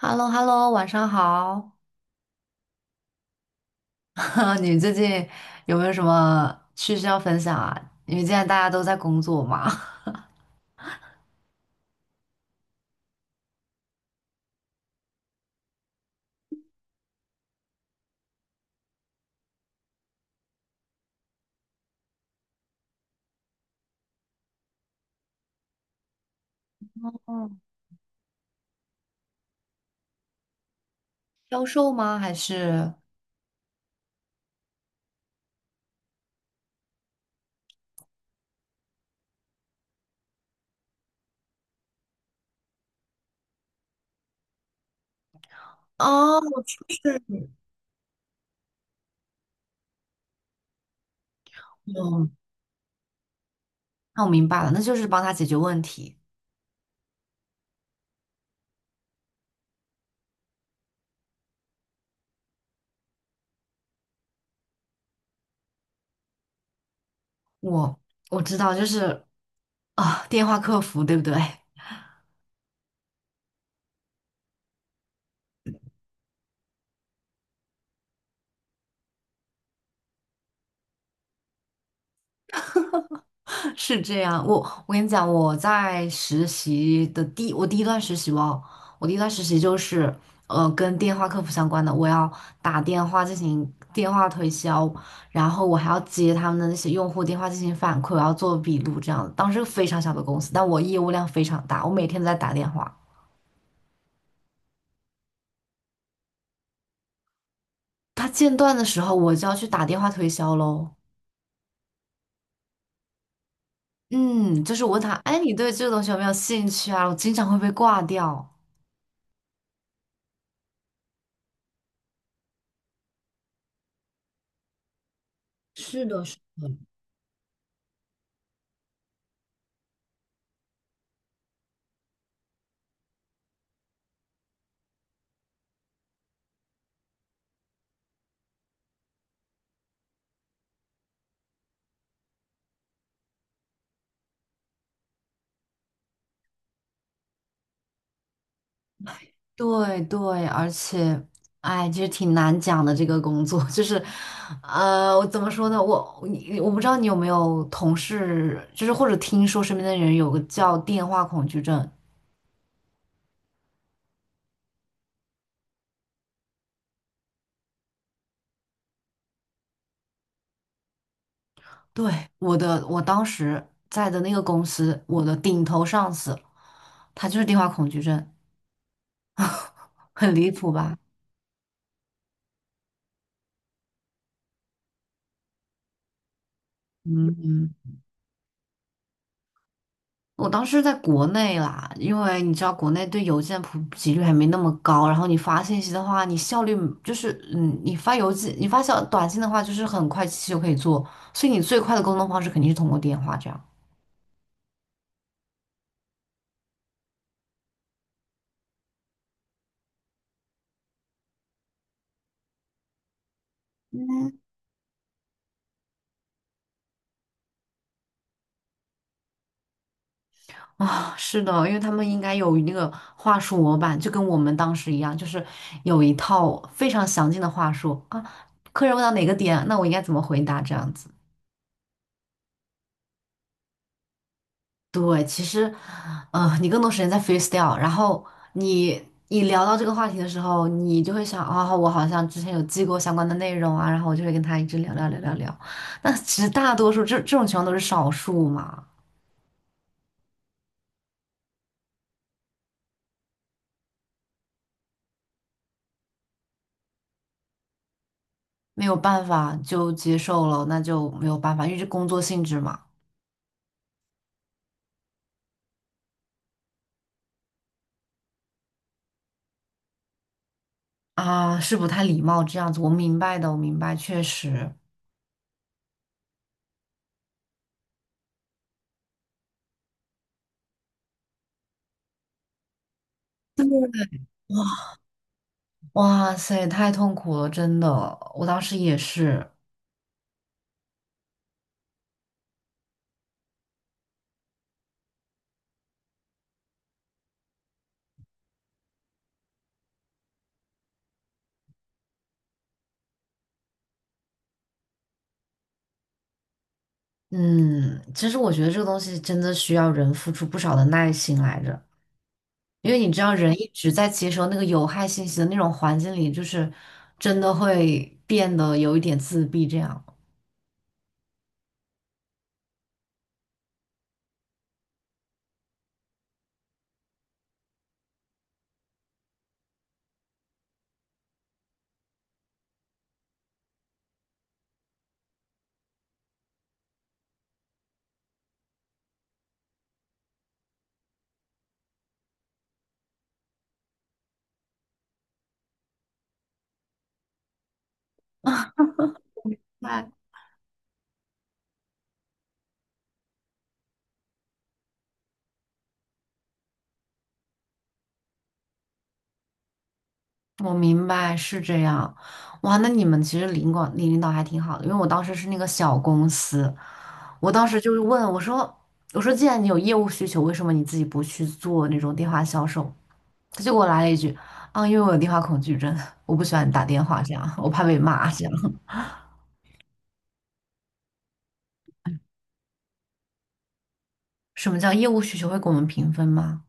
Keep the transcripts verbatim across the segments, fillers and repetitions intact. h e l l o h e l l o 晚上好。你最近有没有什么趣事要分享啊？因为现在大家都在工作嘛，嗯，销售吗？还是哦，就是嗯，那我明白了，那就是帮他解决问题。我我知道，就是啊，电话客服，对不对？是这样，我我跟你讲，我在实习的第我第一段实习哦，我第一段实习就是呃跟电话客服相关的，我要打电话进行电话推销，然后我还要接他们的那些用户电话进行反馈，我要做笔录这样的。当时非常小的公司，但我业务量非常大，我每天都在打电话。他间断的时候，我就要去打电话推销喽。嗯，就是我问他，哎，你对这个东西有没有兴趣啊？我经常会被挂掉。是是。的，是对对，而且，哎，其实挺难讲的这个工作，就是，呃，我怎么说呢？我你我不知道你有没有同事，就是或者听说身边的人有个叫电话恐惧症。对，我的，我当时在的那个公司，我的顶头上司，他就是电话恐惧症，很离谱吧？嗯。嗯我当时在国内啦，因为你知道国内对邮件普及率还没那么高，然后你发信息的话，你效率就是嗯，你发邮件、你发小短信的话，就是很快其实就可以做，所以你最快的沟通方式肯定是通过电话这样啊。是的，因为他们应该有那个话术模板，就跟我们当时一样，就是有一套非常详尽的话术啊。客人问到哪个点，那我应该怎么回答这样子。对，其实，嗯，你更多时间在 f a c e s t y l e 然后你你聊到这个话题的时候，你就会想啊、我好像之前有记过相关的内容啊，然后我就会跟他一直聊聊聊聊聊。那其实大多数这这种情况都是少数嘛，没有办法就接受了，那就没有办法，因为这工作性质嘛，啊，是不太礼貌这样子。我明白的，我明白，确实，哇塞，太痛苦了，真的，我当时也是。嗯，其实我觉得这个东西真的需要人付出不少的耐心来着，因为你知道，人一直在接收那个有害信息的那种环境里，就是真的会变得有一点自闭这样。那我明白是这样，哇，那你们其实领管领领导还挺好的，因为我当时是那个小公司，我当时就是问我说，我说既然你有业务需求，为什么你自己不去做那种电话销售？他就给我来了一句啊，因为我有电话恐惧症，我不喜欢打电话，这样我怕被骂。这样，什么叫业务需求会给我们评分吗？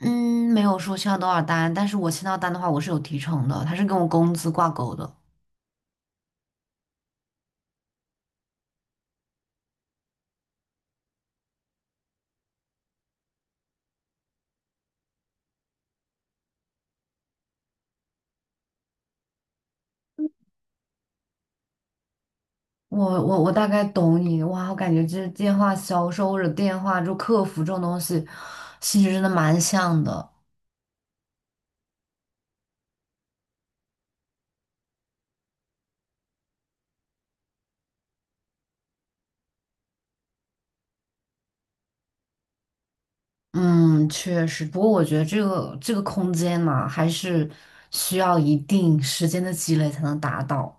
嗯，没有说签到多少单，但是我签到单的话，我是有提成的，它是跟我工资挂钩的。我我我大概懂你，哇，我感觉这电话销售或者电话就客服这种东西，性质真的蛮像的。嗯，确实，不过我觉得这个这个空间嘛，还是需要一定时间的积累才能达到。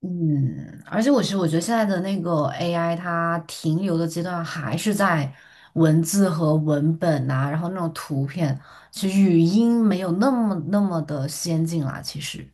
嗯，而且我其实我觉得现在的那个 A I，它停留的阶段还是在文字和文本呐、然后那种图片，其实语音没有那么那么的先进啦。其实，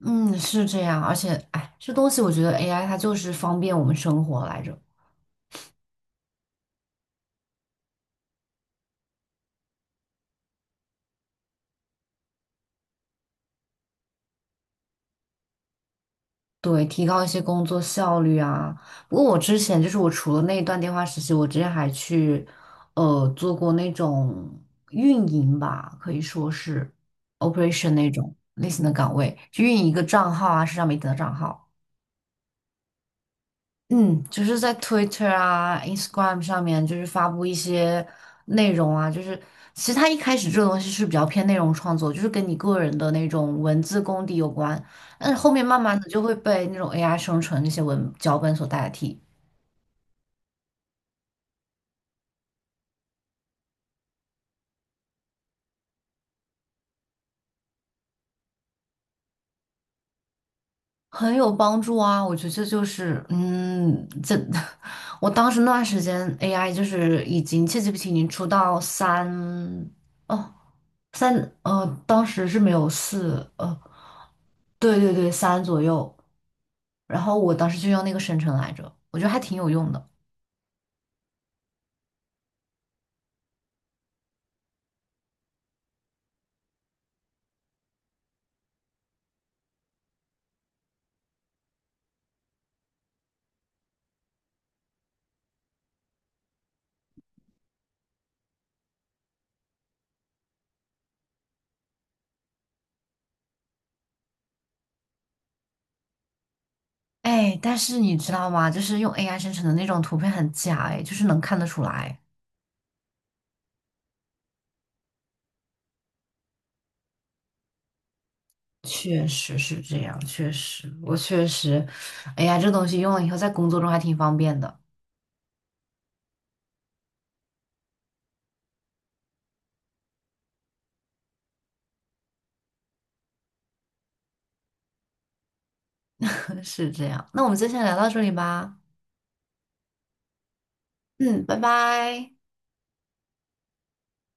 嗯，是这样。而且，哎，这东西我觉得 A I 它就是方便我们生活来着。对，提高一些工作效率啊。不过我之前就是我除了那一段电话实习，我之前还去呃做过那种运营吧，可以说是 operation 那种类型的岗位，去运营一个账号啊，社交媒体的账号。嗯，就是在 Twitter 啊、Instagram 上面，就是发布一些内容啊，就是其实它一开始这个东西是比较偏内容创作，就是跟你个人的那种文字功底有关，但是后面慢慢的就会被那种 A I 生成那些文脚本所代替，很有帮助啊。我觉得这就是，嗯，这 我当时那段时间 A I 就是已经 c 记 a t g 已经出到三哦三呃，当时是没有四呃，对对对，三左右。然后我当时就用那个生成来着，我觉得还挺有用的。哎，但是你知道吗？就是用 A I 生成的那种图片很假，哎，就是能看得出来。确实是这样，确实，我确实，哎呀，这东西用了以后在工作中还挺方便的。是这样，那我们就先聊到这里吧。嗯，拜拜。